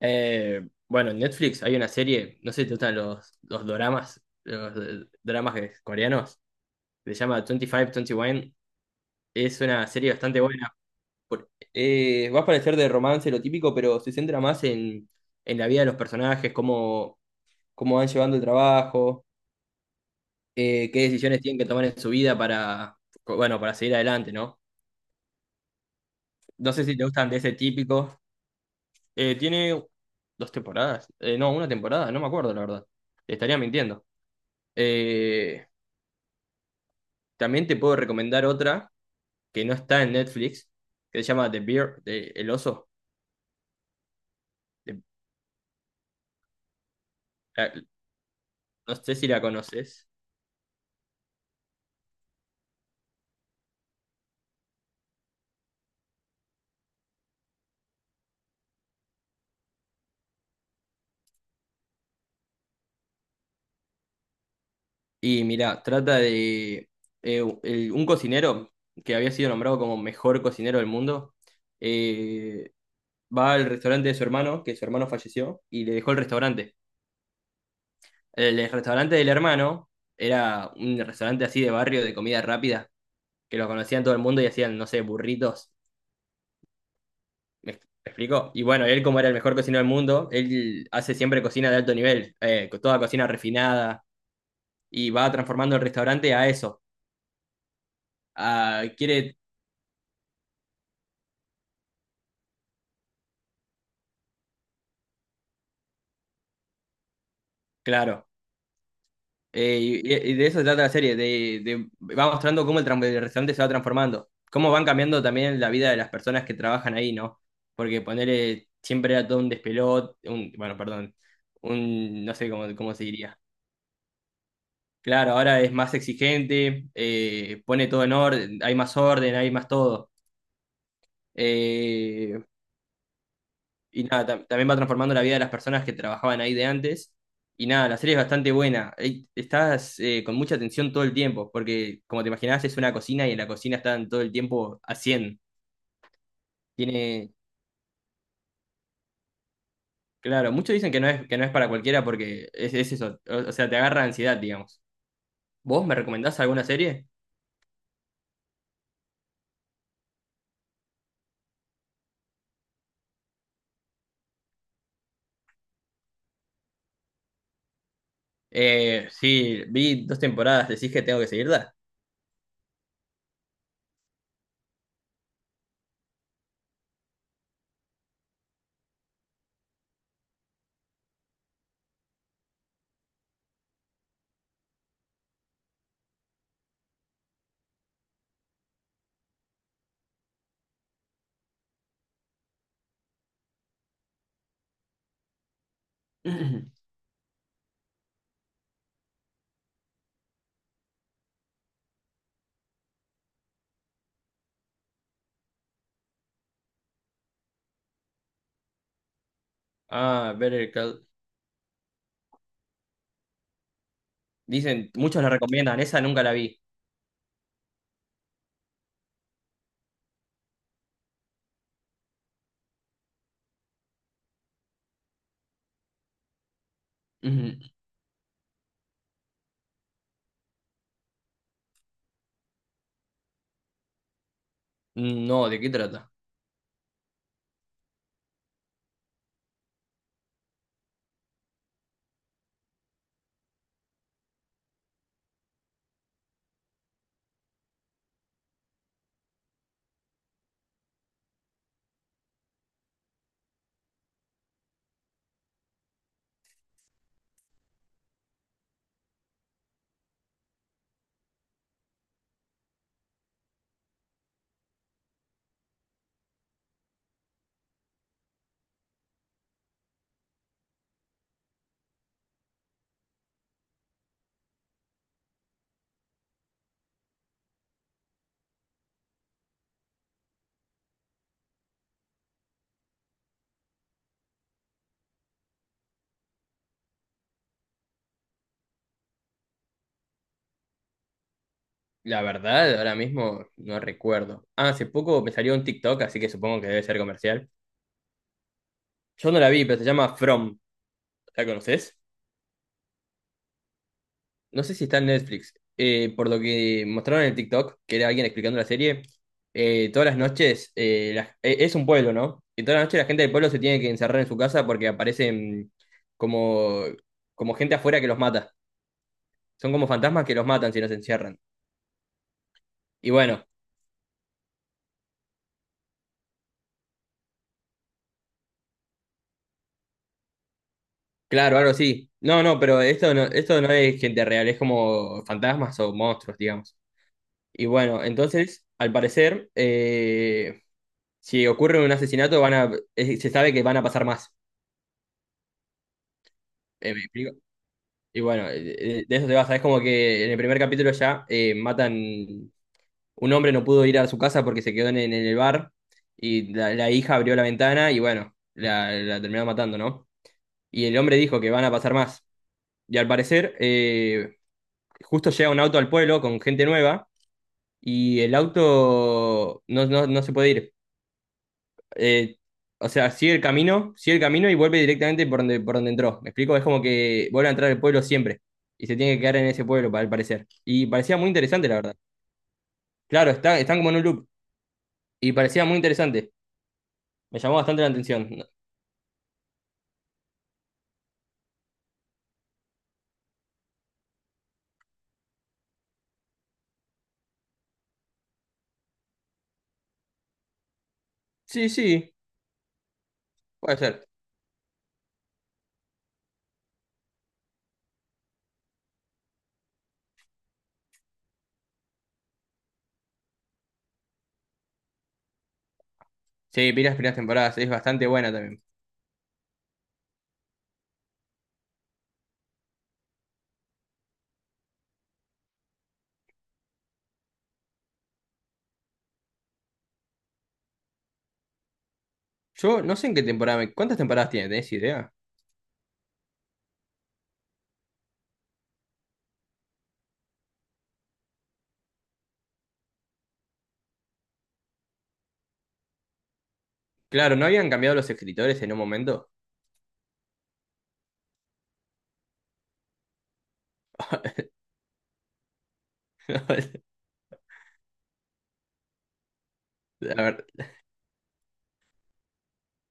Eh, bueno, en Netflix hay una serie, no sé si te gustan los doramas, los dramas coreanos, se llama 25-21. Es una serie bastante buena. Va a parecer de romance lo típico, pero se centra más en la vida de los personajes, cómo, cómo van llevando el trabajo, qué decisiones tienen que tomar en su vida para, bueno, para seguir adelante, ¿no? No sé si te gustan de ese típico. Tiene dos temporadas, no, una temporada, no me acuerdo la verdad. Te estaría mintiendo. Eh, También te puedo recomendar otra que no está en Netflix, que se llama The Bear, El Oso. De- la- no sé si la conoces. Y mira, trata de un cocinero que había sido nombrado como mejor cocinero del mundo. eh, Va al restaurante de su hermano, que su hermano falleció, y le dejó el restaurante. El restaurante del hermano era un restaurante así de barrio de comida rápida, que lo conocían todo el mundo y hacían, no sé, burritos. Me explico? Y bueno, él como era el mejor cocinero del mundo, él hace siempre cocina de alto nivel, con toda cocina refinada, y va transformando el restaurante a eso. Quiere, claro, eh, y, y de eso se trata la serie, va mostrando cómo el restaurante se va transformando, cómo van cambiando también la vida de las personas que trabajan ahí, ¿no? Porque ponerle siempre era todo un despelot, un, bueno, perdón, un, no sé cómo, cómo se diría. Claro, ahora es más exigente, pone todo en orden, hay más todo. Eh, y nada, también va transformando la vida de las personas que trabajaban ahí de antes. Y nada, la serie es bastante buena. Estás con mucha atención todo el tiempo, porque como te imaginás, es una cocina y en la cocina están todo el tiempo a 100. Tiene, claro, muchos dicen que que no es para cualquiera porque es eso, o sea, te agarra ansiedad, digamos. ¿Vos me recomendás alguna serie? Sí, vi dos temporadas, decís que tengo que seguirla. Ah, Better Call. Dicen, muchos la recomiendan, esa nunca la vi. No, ¿de qué trata? La verdad, ahora mismo no recuerdo. Ah, hace poco me salió un TikTok, así que supongo que debe ser comercial. Yo no la vi, pero se llama From. ¿La conoces? No sé si está en Netflix. Por lo que mostraron en el TikTok, que era alguien explicando la serie, todas las noches, es un pueblo, ¿no? Y todas las noches la gente del pueblo se tiene que encerrar en su casa porque aparecen como, como gente afuera que los mata. Son como fantasmas que los matan si no se encierran. Y bueno, claro, algo así. No, no, pero esto no es gente real, es como fantasmas o monstruos, digamos. Y bueno, entonces, al parecer, si ocurre un asesinato, se sabe que van a pasar más. ¿Me explico? Y bueno, de eso se basa. Es como que en el primer capítulo ya matan, un hombre no pudo ir a su casa porque se quedó en el bar y la hija abrió la ventana y bueno, la terminó matando, ¿no? Y el hombre dijo que van a pasar más. Y al parecer, justo llega un auto al pueblo con gente nueva y el auto no se puede ir. Eh, o sea, sigue el camino y vuelve directamente por donde entró. ¿Me explico? Es como que vuelve a entrar al pueblo siempre y se tiene que quedar en ese pueblo, al parecer. Y parecía muy interesante, la verdad. Claro, está, están como en un loop y parecía muy interesante. Me llamó bastante la atención. No. Sí, sí, puede ser. Sí, vi las primeras temporadas, es bastante buena también. Yo no sé en qué temporada, ¿cuántas temporadas tiene? ¿Tenés idea? Claro, ¿no habían cambiado los escritores en un momento? La, ver-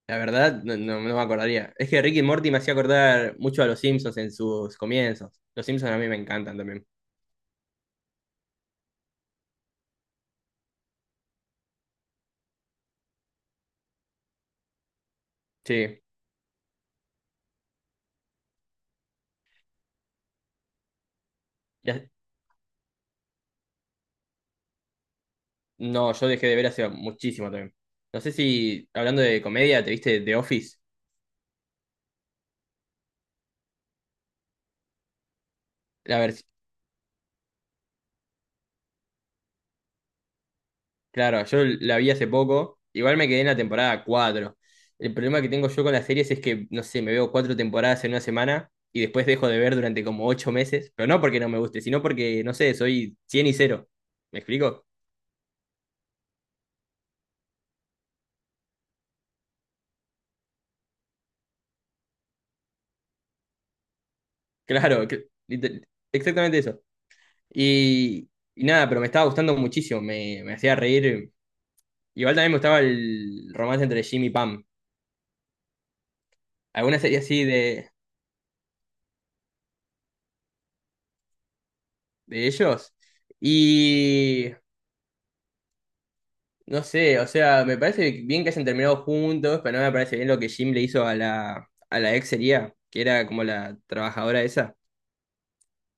la verdad, no me acordaría. Es que Ricky Morty me hacía acordar mucho a los Simpsons en sus comienzos. Los Simpsons a mí me encantan también. Sí. Ya- no, yo dejé de ver hace muchísimo también. No sé si, hablando de comedia, ¿te viste The Office? La vers- claro, yo la vi hace poco. Igual me quedé en la temporada cuatro. El problema que tengo yo con las series es que, no sé, me veo cuatro temporadas en una semana y después dejo de ver durante como ocho meses. Pero no porque no me guste, sino porque, no sé, soy 100 y cero. ¿Me explico? Claro, exactamente eso. Y, y nada, pero me estaba gustando muchísimo, me hacía reír. Igual también me gustaba el romance entre Jim y Pam. Alguna serie así de ellos. Y no sé, o sea, me parece bien que hayan terminado juntos, pero no me parece bien lo que Jim le hizo a a la ex sería, que era como la trabajadora esa.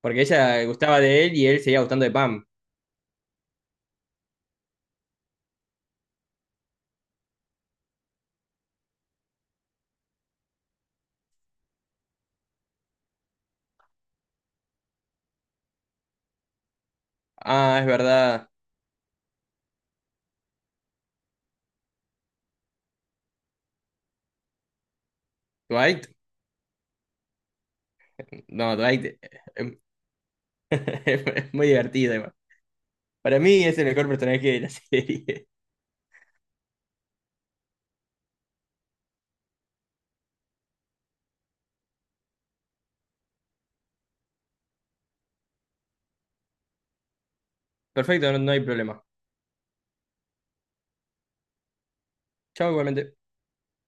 Porque ella gustaba de él y él seguía gustando de Pam. Ah, es verdad. Dwight. No, Dwight es muy divertido. Para mí es el mejor personaje de la serie. Perfecto, no, no hay problema. Chao igualmente.